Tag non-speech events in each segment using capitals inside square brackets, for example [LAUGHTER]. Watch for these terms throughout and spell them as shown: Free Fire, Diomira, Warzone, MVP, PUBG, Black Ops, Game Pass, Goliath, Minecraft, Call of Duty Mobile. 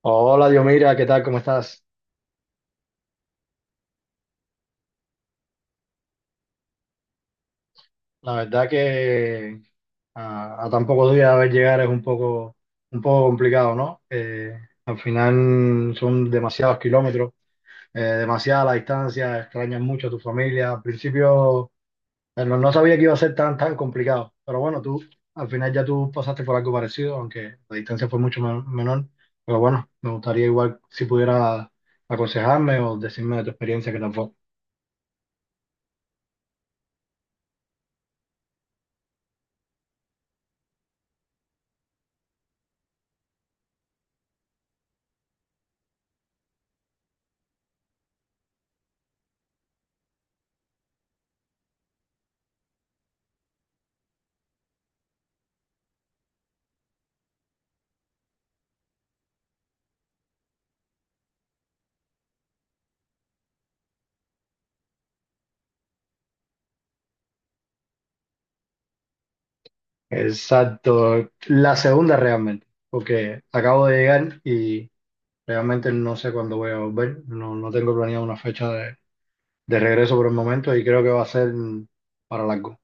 Hola, Diomira, ¿qué tal? ¿Cómo estás? La verdad que a tan pocos días de ver llegar es un poco complicado, ¿no? Al final son demasiados kilómetros, demasiada la distancia, extrañas mucho a tu familia. Al principio no sabía que iba a ser tan complicado, pero bueno, tú al final ya tú pasaste por algo parecido, aunque la distancia fue menor. Pero bueno, me gustaría igual si pudiera aconsejarme o decirme de tu experiencia que tampoco. Exacto, la segunda realmente, porque acabo de llegar y realmente no sé cuándo voy a volver, no tengo planeado una fecha de regreso por el momento y creo que va a ser para largo.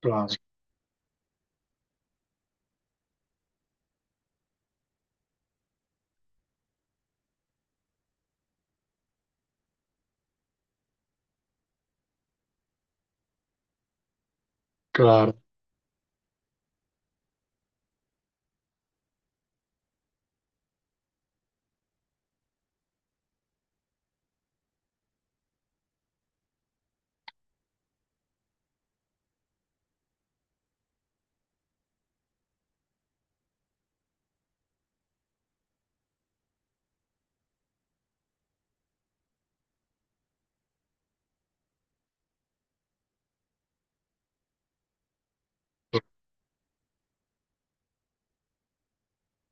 Claro, claro.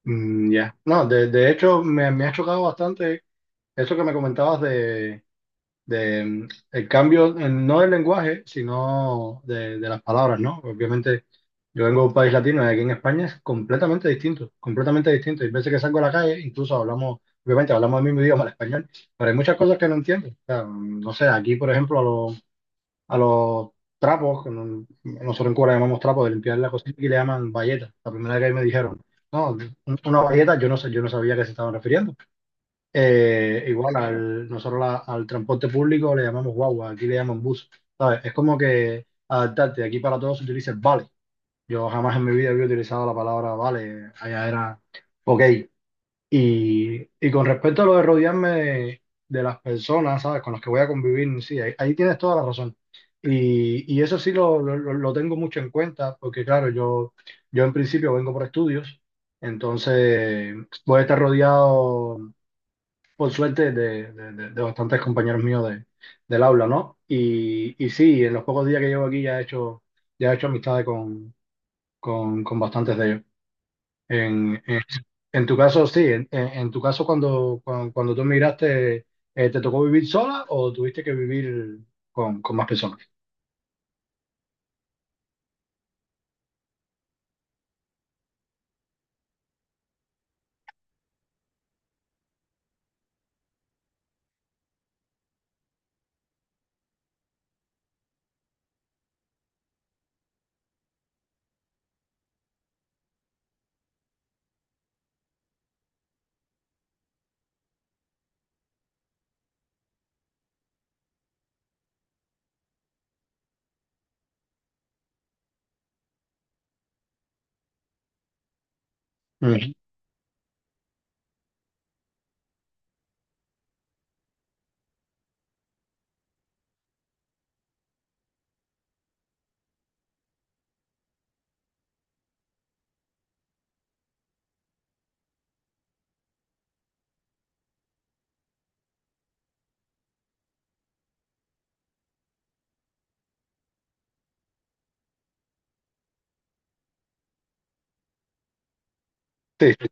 Mm, ya. No, de hecho me ha chocado bastante eso que me comentabas de el cambio, no del lenguaje, sino de las palabras, ¿no? Obviamente, yo vengo de un país latino y aquí en España es completamente distinto, completamente distinto. Hay veces que salgo a la calle, incluso hablamos, obviamente hablamos el mismo idioma, el español, pero hay muchas cosas que no entiendo. O sea, no sé, aquí, por ejemplo, a los trapos, que nosotros en Cuba le llamamos trapos de limpiar la cocina, y le llaman bayeta. La primera vez que ahí me dijeron, no, una bayeta, yo no sé, yo no sabía a qué se estaban refiriendo. Igual al, al transporte público le llamamos guagua, aquí le llaman bus, ¿sabes? Es como que adaptarte, aquí para todos se utiliza el vale. Yo jamás en mi vida había utilizado la palabra vale, allá era ok. Y con respecto a lo de rodearme de las personas, ¿sabes? Con las que voy a convivir, sí, ahí, ahí tienes toda la razón. Y eso sí lo tengo mucho en cuenta, porque claro, yo en principio vengo por estudios, entonces voy a estar rodeado por suerte, de bastantes compañeros míos del aula, ¿no? Y sí, en los pocos días que llevo aquí ya he hecho amistades con bastantes de ellos. En, en, en tu caso, sí, en tu caso, cuando tú emigraste, ¿te tocó vivir sola o tuviste que vivir con más personas? Ujú. Sí, sí.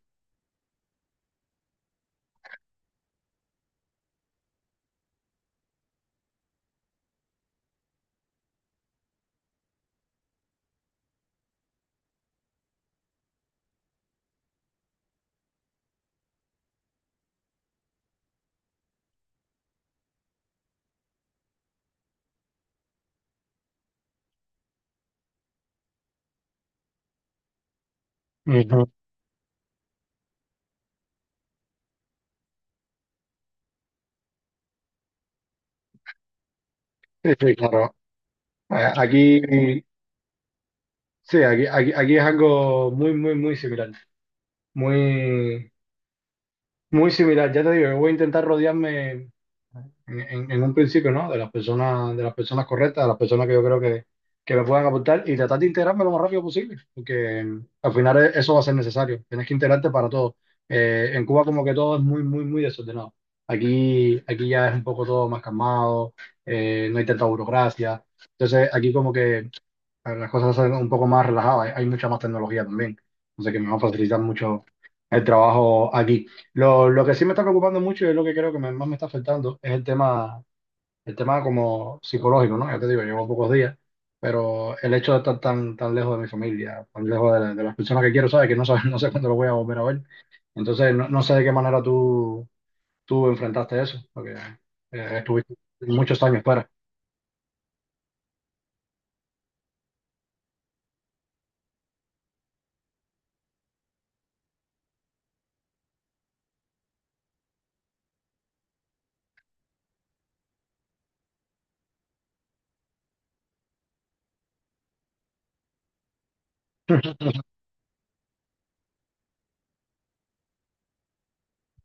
Ujú. Sí, sí, claro. Aquí, sí, aquí es algo muy, muy, muy similar. Muy, muy similar, ya te digo, yo voy a intentar rodearme en un principio, ¿no? De las personas correctas, de las personas que yo creo que me puedan aportar y tratar de integrarme lo más rápido posible, porque al final eso va a ser necesario. Tienes que integrarte para todo. En Cuba como que todo es muy, muy, muy desordenado. Aquí, aquí ya es un poco todo más calmado, no hay tanta burocracia. Entonces aquí como que a ver, las cosas son un poco más relajadas, hay mucha más tecnología también, entonces que me va a facilitar mucho el trabajo aquí. Lo que sí me está preocupando mucho y es lo que creo que más me está afectando es el tema como psicológico, ¿no? Ya te digo, llevo pocos días, pero el hecho de estar tan lejos de mi familia, tan lejos de, de las personas que quiero, ¿sabes? Que no, [LAUGHS] no sé cuándo lo voy a volver a ver. Entonces, no sé de qué manera tú, tú enfrentaste eso, porque estuviste muchos años fuera.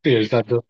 Sí, exacto.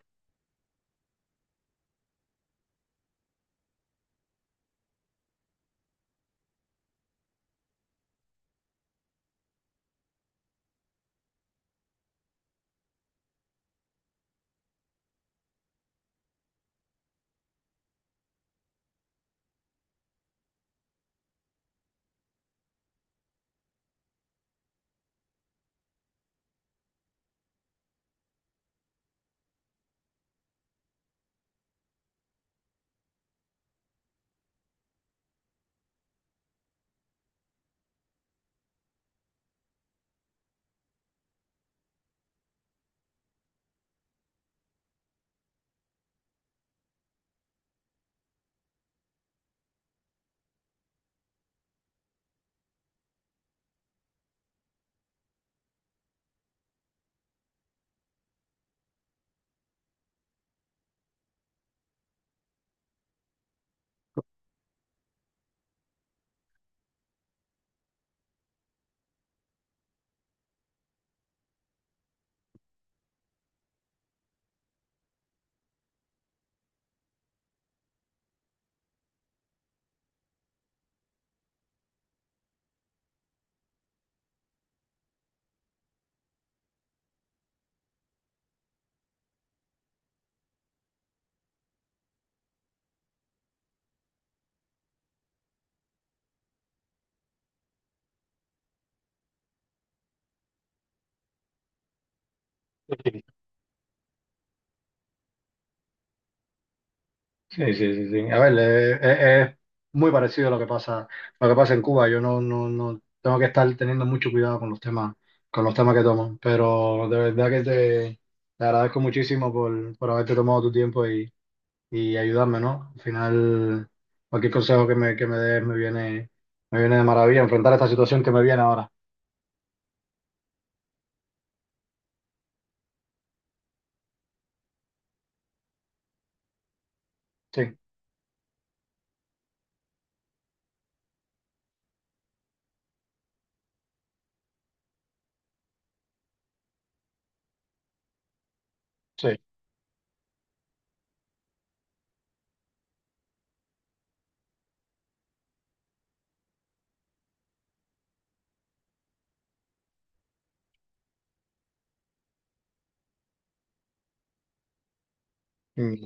Sí, sí, sí, sí. A ver, es muy parecido a lo que pasa en Cuba. Yo no tengo que estar teniendo mucho cuidado con los temas que tomo. Pero de verdad que te agradezco muchísimo por haberte tomado tu tiempo y ayudarme, ¿no? Al final, cualquier consejo que me des me viene de maravilla enfrentar esta situación que me viene ahora. Sí, sí. Mm,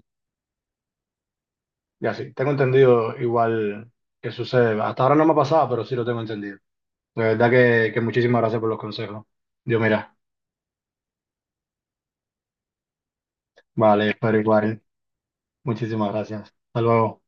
ya sí, tengo entendido igual que sucede. Hasta ahora no me ha pasado, pero sí lo tengo entendido. La verdad que muchísimas gracias por los consejos. Dios, mira, vale, pero igual. Muchísimas gracias. Hasta luego.